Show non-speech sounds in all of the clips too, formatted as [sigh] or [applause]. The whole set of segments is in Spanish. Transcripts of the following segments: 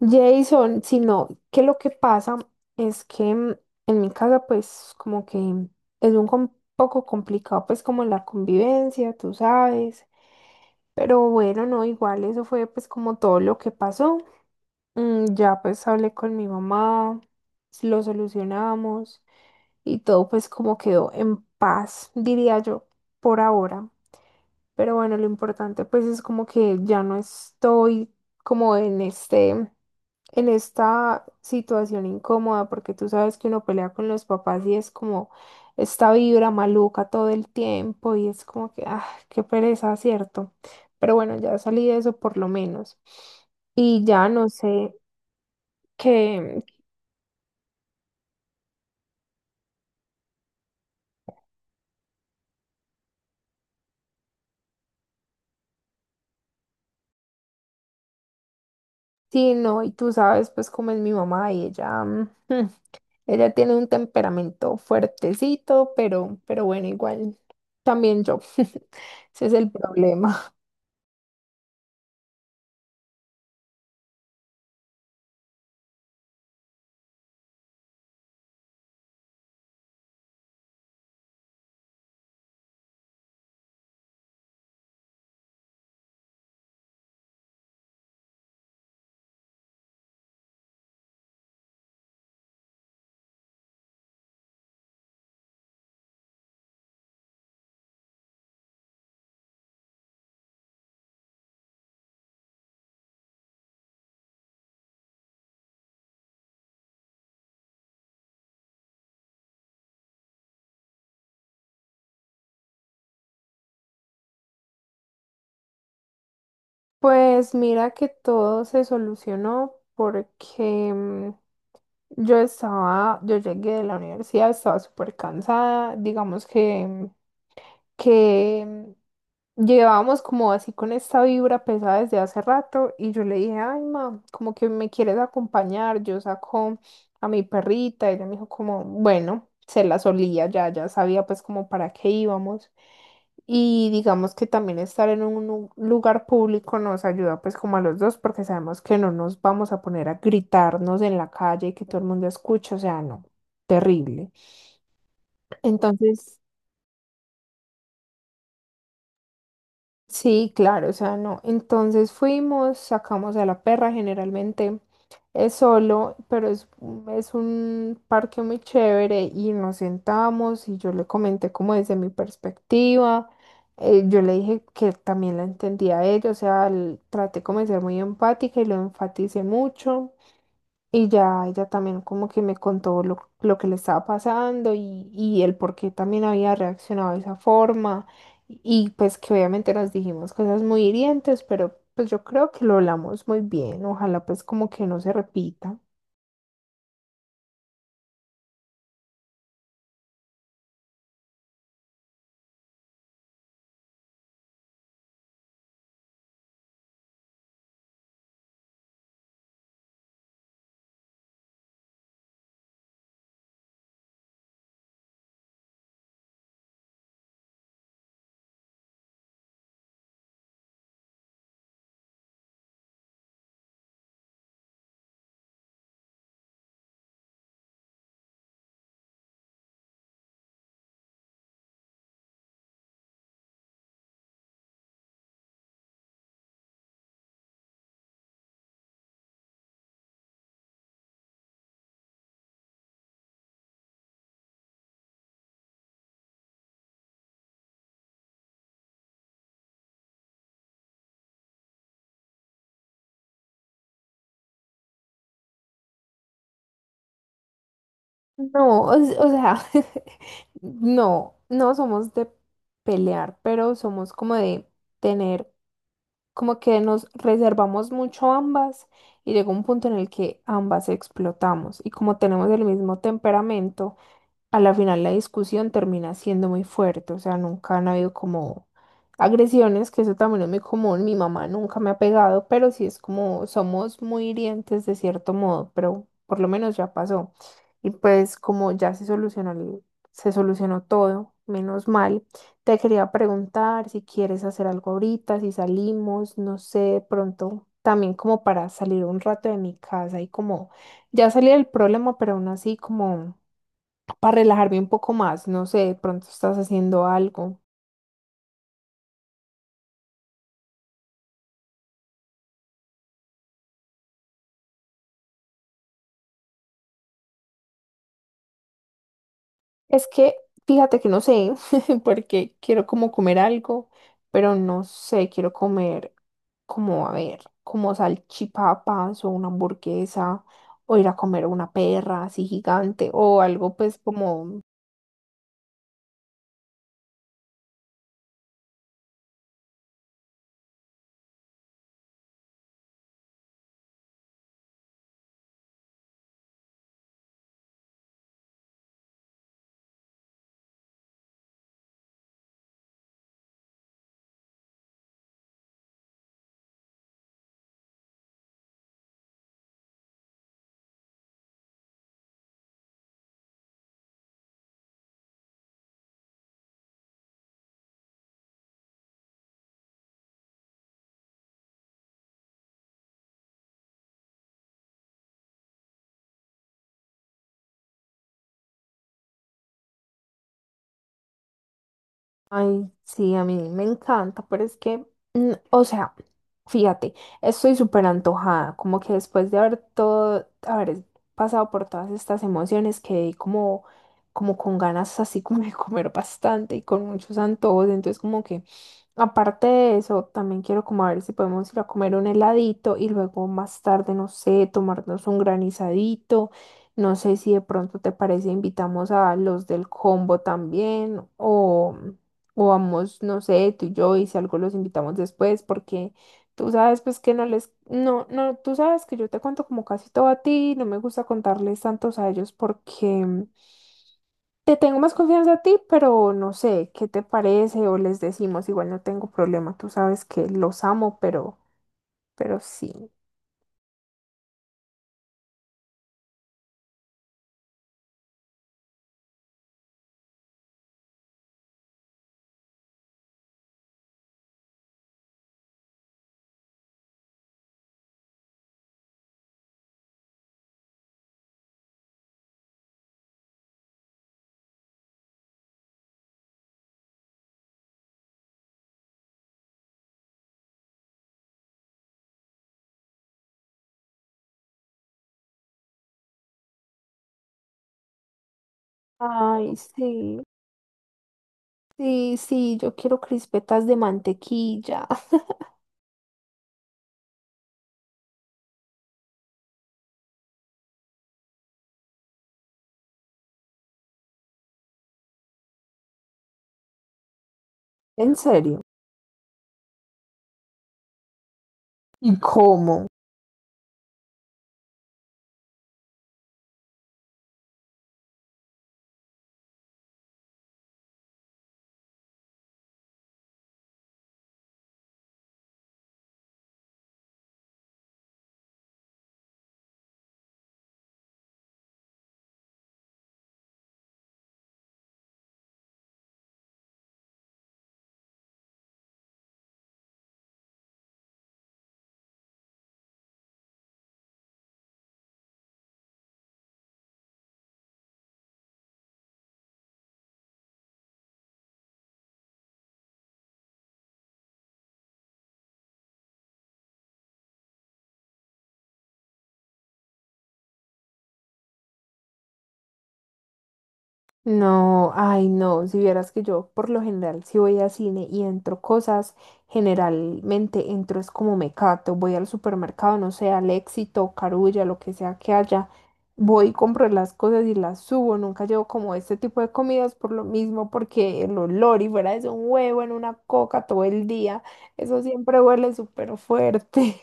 Jason, sino que lo que pasa es que en mi casa, pues como que es un poco complicado, pues como la convivencia, tú sabes. Pero bueno, no, igual eso fue pues como todo lo que pasó. Ya, pues hablé con mi mamá, lo solucionamos y todo, pues como quedó en paz, diría yo, por ahora. Pero bueno, lo importante pues es como que ya no estoy como en en esta situación incómoda, porque tú sabes que uno pelea con los papás y es como esta vibra maluca todo el tiempo y es como que, ah, qué pereza, ¿cierto? Pero bueno, ya salí de eso por lo menos. Y ya no sé qué, sí, no, y tú sabes pues cómo es mi mamá y ella, [laughs] ella tiene un temperamento fuertecito, pero bueno, igual también yo, [laughs] ese es el problema. Pues mira que todo se solucionó porque, yo llegué de la universidad, estaba súper cansada. Digamos que que llevábamos como así con esta vibra pesada desde hace rato, y yo le dije, ay, ma, como que me quieres acompañar, yo saco a mi perrita. Y ella me dijo como, bueno, se la solía, ya, ya sabía pues como para qué íbamos. Y digamos que también estar en un lugar público nos ayuda pues como a los dos, porque sabemos que no nos vamos a poner a gritarnos en la calle y que todo el mundo escuche, o sea, no, terrible. Entonces sí, claro, o sea, no. Entonces fuimos, sacamos a la perra, generalmente es solo, pero es, es un parque muy chévere, y nos sentamos y yo le comenté como desde mi perspectiva, yo le dije que también la entendía a ella, o sea, traté como de ser muy empática y lo enfaticé mucho. Y ya ella también como que me contó lo que le estaba pasando y el por qué también había reaccionado de esa forma. Y pues que obviamente nos dijimos cosas muy hirientes, pero pues yo creo que lo hablamos muy bien. Ojalá pues como que no se repita. No, o sea, [laughs] no, no somos de pelear, pero somos como de tener, como que nos reservamos mucho ambas y llegó un punto en el que ambas explotamos, y como tenemos el mismo temperamento, a la final la discusión termina siendo muy fuerte. O sea, nunca han habido como agresiones, que eso también es muy común, mi mamá nunca me ha pegado, pero sí es como somos muy hirientes de cierto modo. Pero por lo menos ya pasó. Y pues como ya se solucionó, se solucionó todo, menos mal. Te quería preguntar si quieres hacer algo ahorita, si salimos, no sé, de pronto también como para salir un rato de mi casa y como ya salí del problema, pero aún así como para relajarme un poco más, no sé, de pronto estás haciendo algo. Es que, fíjate que no sé, [laughs] porque quiero como comer algo, pero no sé, quiero comer como, a ver, como salchipapas o una hamburguesa, o ir a comer una perra así gigante, o algo pues como. Ay, sí, a mí me encanta, pero es que, o sea, fíjate, estoy súper antojada, como que después de haber pasado por todas estas emociones, quedé como, como con ganas así como de comer bastante y con muchos antojos. Entonces como que, aparte de eso, también quiero como a ver si podemos ir a comer un heladito y luego más tarde, no sé, tomarnos un granizadito. No sé si de pronto te parece, invitamos a los del combo también, o... O vamos, no sé, tú y yo, y si algo los invitamos después, porque tú sabes pues que no les, no, no, tú sabes que yo te cuento como casi todo a ti, no me gusta contarles tantos a ellos porque te tengo más confianza a ti, pero no sé, ¿qué te parece? O les decimos, igual no tengo problema, tú sabes que los amo, pero sí. Ay, sí, sí, sí, yo quiero crispetas de mantequilla. [laughs] ¿En serio? ¿Y cómo? No, ay, no, si vieras que yo por lo general, si voy a cine y entro cosas, generalmente entro es como me cato, voy al supermercado, no sé, al Éxito, Carulla, lo que sea que haya, voy, compro las cosas y las subo. Nunca llevo como este tipo de comidas por lo mismo, porque el olor, y fuera de eso, un huevo en una coca todo el día, eso siempre huele súper fuerte.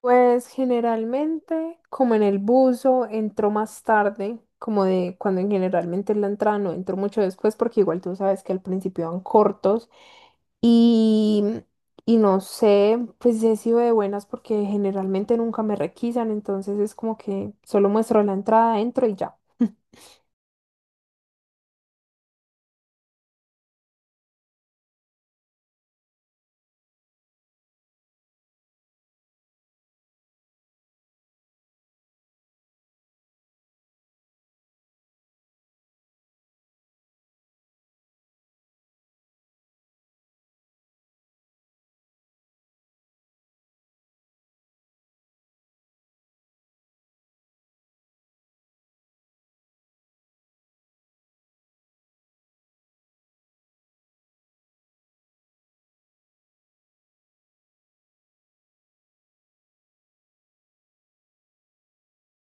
Pues generalmente, como en el buzo, entro más tarde, como de cuando generalmente en la entrada no entro mucho después, porque igual tú sabes que al principio van cortos. Y, y no sé, pues si he sido de buenas porque generalmente nunca me requisan, entonces es como que solo muestro la entrada, entro y ya.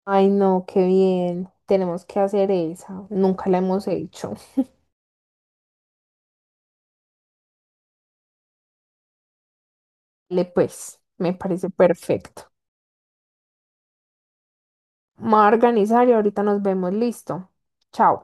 Ay, no, qué bien, tenemos que hacer esa, nunca la hemos hecho. Le pues, me parece perfecto. Me voy a organizar y ahorita nos vemos, listo. Chao.